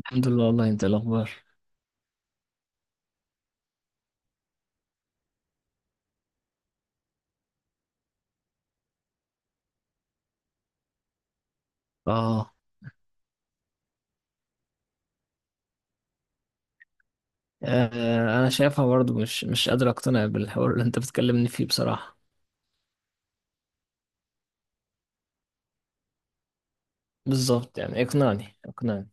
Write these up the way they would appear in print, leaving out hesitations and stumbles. الحمد لله، والله انت إيه الاخبار؟ اه. آه، انا شايفها برضو مش قادر اقتنع بالحوار اللي انت بتكلمني فيه بصراحة. بالظبط، يعني اقنعني اقنعني.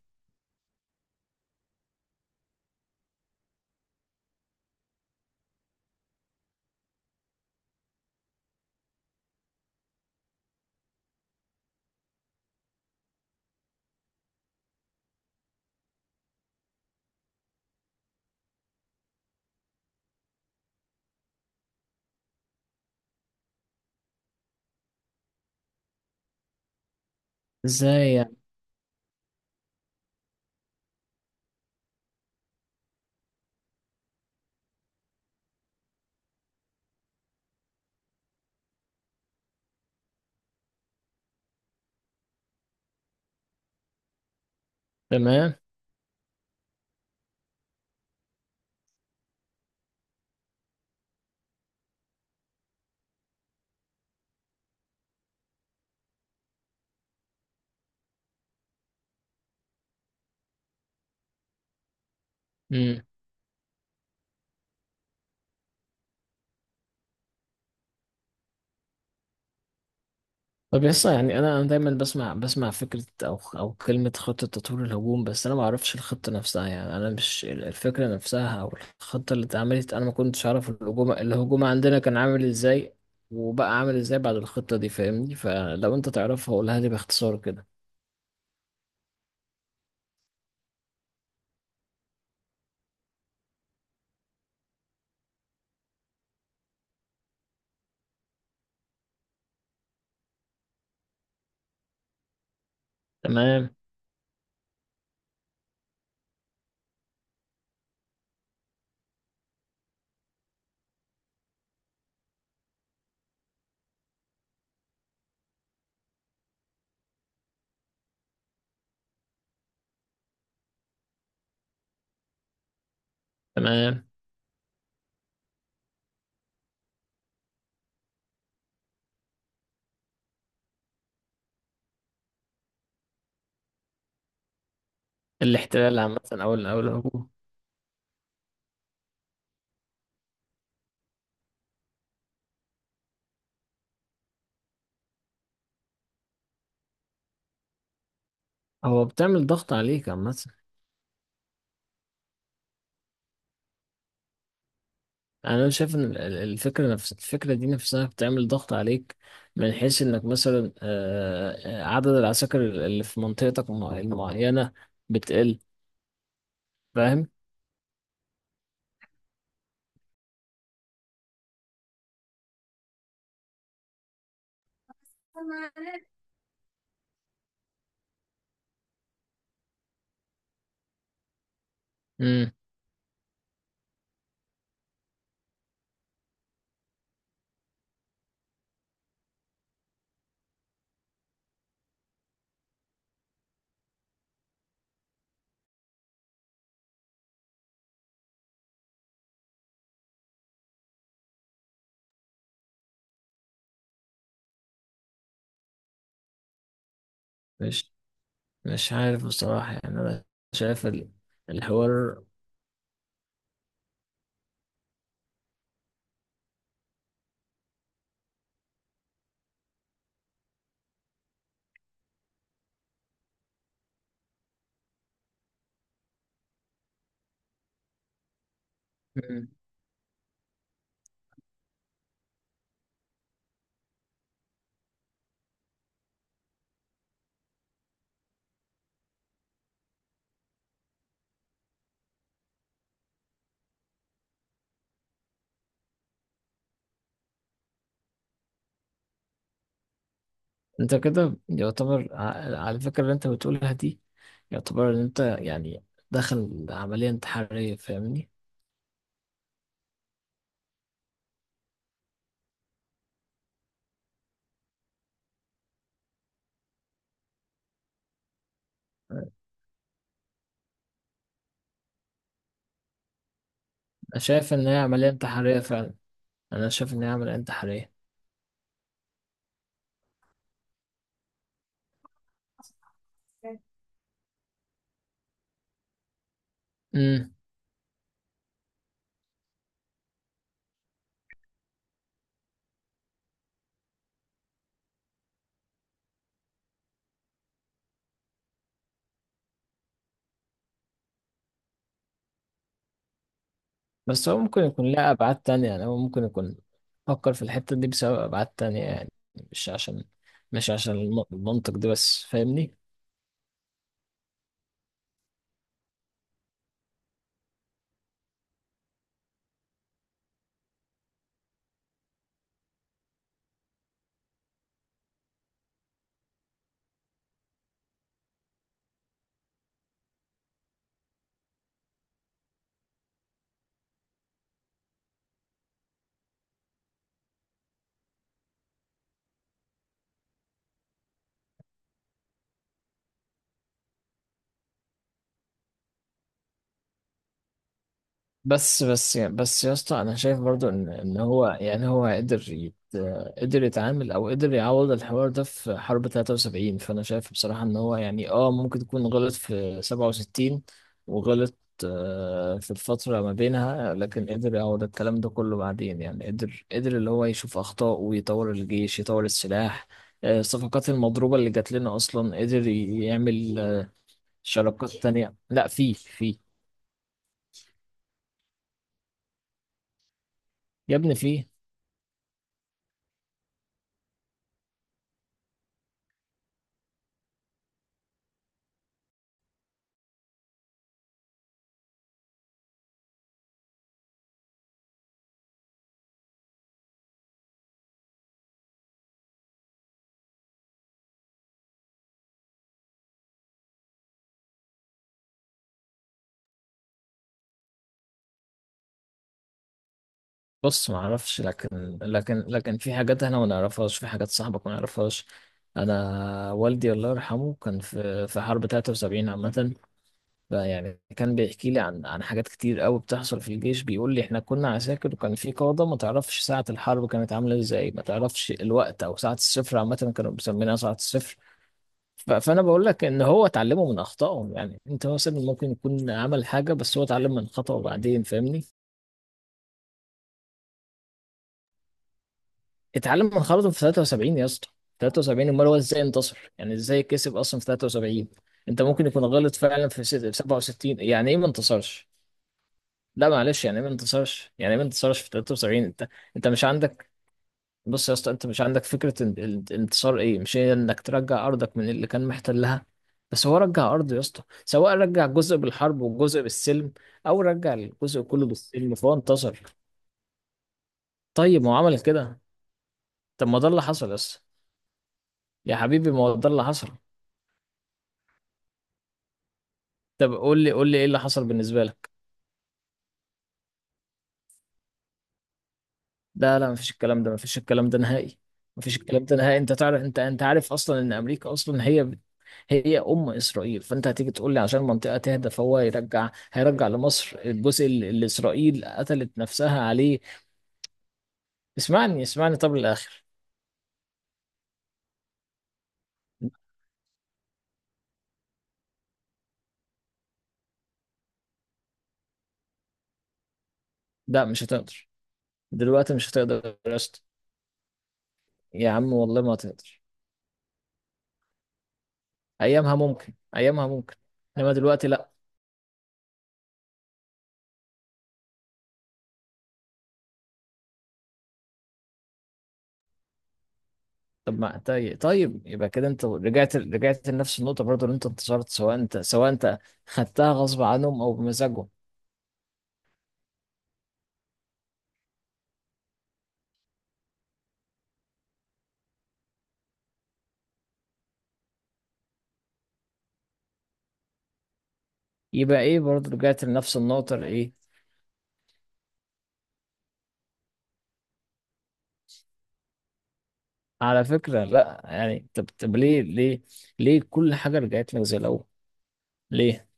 ازاي يعني؟ تمام. امم. طب يسا، يعني انا دايما بسمع فكرة او كلمة خطة تطوير الهجوم، بس انا ما اعرفش الخطة نفسها. يعني انا مش الفكرة نفسها او الخطة اللي اتعملت، انا ما كنتش اعرف الهجوم عندنا كان عامل ازاي، وبقى عامل ازاي بعد الخطة دي. فاهمني؟ فلو انت تعرفها قولها لي باختصار كده. تمام. تمام. الاحتلال عامة، أو أو الهجوم. هو بتعمل ضغط عليك عامة؟ أنا شايف إن الفكرة، نفس الفكرة دي نفسها، بتعمل ضغط عليك، من حيث إنك مثلا عدد العساكر اللي في منطقتك المعينة بتقل. فاهم؟ مم. مش مش عارف بصراحة، يعني أنا شايف الحوار. مم. أنت كده يعتبر على الفكرة اللي أنت بتقولها دي، يعتبر إن أنت يعني داخل عملية انتحارية. فاهمني؟ شايف إن هي عملية انتحارية فعلا. أنا شايف إن هي عملية انتحارية. امم. بس هو ممكن يكون لها أبعاد تانية، يعني هو ممكن يكون فكر في الحتة دي بسبب أبعاد تانية، يعني مش عشان، مش عشان المنطق ده بس. فاهمني؟ بس يا اسطى، انا شايف برضو ان هو، يعني هو قدر قدر يتعامل او قدر يعوض الحوار ده في حرب 73. فانا شايف بصراحة ان هو يعني ممكن يكون غلط في 67، وغلط في الفترة ما بينها، لكن قدر يعوض الكلام ده كله بعدين. يعني قدر، اللي هو يشوف اخطاء ويطور الجيش، يطور السلاح، الصفقات المضروبة اللي جات لنا اصلا، قدر يعمل شراكات تانية. لا، في. في، يا ابني، في. بص، ما اعرفش، لكن في حاجات احنا ما نعرفهاش، في حاجات صاحبك ما يعرفهاش. انا والدي الله يرحمه كان في حرب 73 عامه. فيعني كان بيحكي لي عن حاجات كتير قوي بتحصل في الجيش. بيقول لي احنا كنا عساكر، وكان في قاده ما تعرفش ساعه الحرب كانت عامله ازاي، ما تعرفش الوقت او ساعه الصفر، عامه كانوا مسمينها ساعه الصفر. فانا بقول لك ان هو اتعلمه من اخطائه. يعني انت مثلا ممكن يكون عمل حاجه، بس هو اتعلم من خطأه بعدين. فاهمني؟ اتعلم من خرطه في 73 يا اسطى. 73، امال هو ازاي انتصر؟ يعني ازاي كسب اصلا في 73؟ انت ممكن يكون غلط فعلا في في 67، يعني ايه ما انتصرش؟ لا معلش، يعني ايه ما انتصرش؟ يعني ايه ما انتصرش في 73 انت؟ انت مش عندك. بص يا اسطى، انت مش عندك فكره الانتصار ايه. مش هي انك ترجع ارضك من اللي كان محتلها؟ بس هو رجع ارضه يا اسطى، سواء رجع جزء بالحرب وجزء بالسلم، او رجع الجزء كله بالسلم، فهو انتصر. طيب، ما هو عمل كده. طب ما ده اللي حصل يا اسطى. يا حبيبي، ما هو ده اللي حصل. طب قول لي، قول لي ايه اللي حصل بالنسبه لك. لا، لا، مفيش الكلام ده، مفيش الكلام ده نهائي. مفيش الكلام ده نهائي. انت تعرف، انت عارف اصلا ان امريكا اصلا هي هي ام اسرائيل، فانت هتيجي تقول لي عشان المنطقه تهدى فهو يرجع، هيرجع لمصر الجزء اللي اسرائيل قتلت نفسها عليه؟ اسمعني، اسمعني، طب للاخر. لا، مش هتقدر، دلوقتي مش هتقدر يا اسطى. يا عم، والله ما هتقدر. ايامها ممكن، ايامها ممكن، انما دلوقتي لا. طب، ما طيب، طيب، يبقى كده انت رجعت، لنفس النقطة برضو اللي انت انتصرت. سواء انت خدتها غصب عنهم او بمزاجهم. يبقى ايه؟ برضو رجعت لنفس النقطة ايه. على فكرة لا، يعني طب، طب، ليه كل حاجة رجعت لك زي الاول؟ ليه؟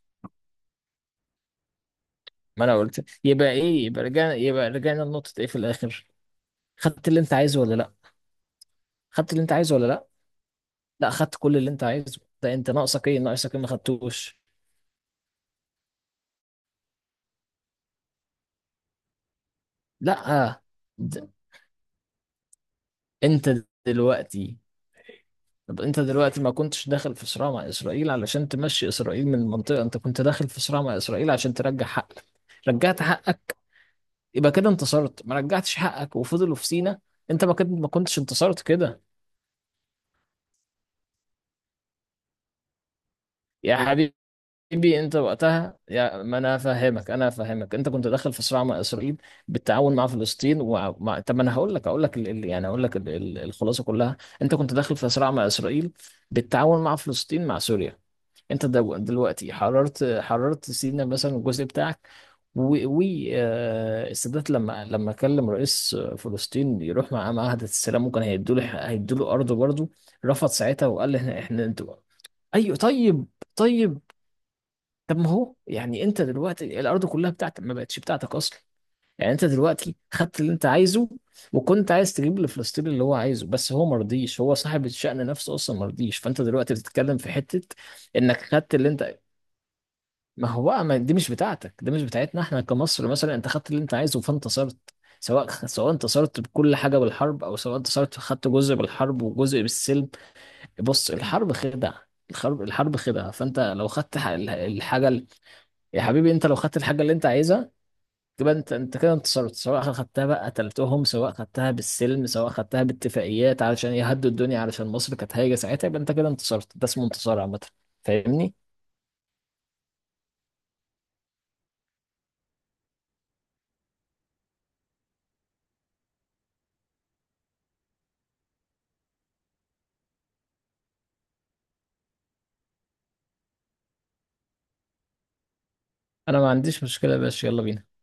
ما انا قلت يبقى ايه، يبقى رجعنا، لنقطة ايه في الاخر؟ خدت اللي انت عايزه ولا لا؟ خدت اللي انت عايزه ولا لا؟ لا، خدت كل اللي انت عايزه. ده انت ناقصك ايه؟ ناقصك ايه ما خدتوش؟ لا، د- انت دلوقتي. طب انت دلوقتي ما كنتش داخل في صراع مع اسرائيل علشان تمشي اسرائيل من المنطقه، انت كنت داخل في صراع مع اسرائيل عشان ترجع حقك. رجعت حقك، يبقى كده انتصرت. ما رجعتش حقك وفضلوا في سينا؟ انت ما كنت ما كنتش انتصرت كده. يا حبيبي، انت وقتها يا ما انا فاهمك، انا فاهمك. انت كنت داخل في صراع مع اسرائيل بالتعاون مع فلسطين، طب ما انا هقول لك، هقول لك يعني هقول لك الخلاصه كلها. انت كنت داخل في صراع مع اسرائيل بالتعاون مع فلسطين، مع سوريا. انت دلوقتي حررت، سينا مثلا، الجزء بتاعك. والسادات لما كلم رئيس فلسطين يروح معاه معاهدة السلام، ممكن هيدوا له، هيدوا له أرضه برضه. رفض ساعتها وقال احنا، انتوا. ايوه، طيب. طيب. طب ما هو يعني انت دلوقتي الأرض كلها بتاعتك، ما بقتش بتاعتك أصلا. يعني انت دلوقتي خدت اللي انت عايزه، وكنت عايز تجيب لفلسطين اللي هو عايزه، بس هو مرضيش، هو صاحب الشأن نفسه اصلا مرضيش. فانت دلوقتي بتتكلم في حتة انك خدت اللي انت. ما هو بقى، ما دي مش بتاعتك، دي مش بتاعتنا احنا كمصر مثلا. انت خدت اللي انت عايزه فانتصرت. سواء انتصرت بكل حاجه بالحرب، او سواء انتصرت خدت جزء بالحرب وجزء بالسلم. بص، الحرب خدعه، الحرب خدعه. فانت لو خدت الحاجه يا حبيبي، انت لو خدت الحاجه اللي انت عايزها، تبقى انت انت كده انتصرت، سواء خدتها بقى قتلتهم، سواء خدتها بالسلم، سواء خدتها باتفاقيات علشان يهدوا الدنيا، علشان مصر كانت هايجه ساعتها، يبقى انت كده انتصرت. ده اسمه انتصار عامه. فاهمني؟ انا ما عنديش مشكله يا باشا، يلا بينا.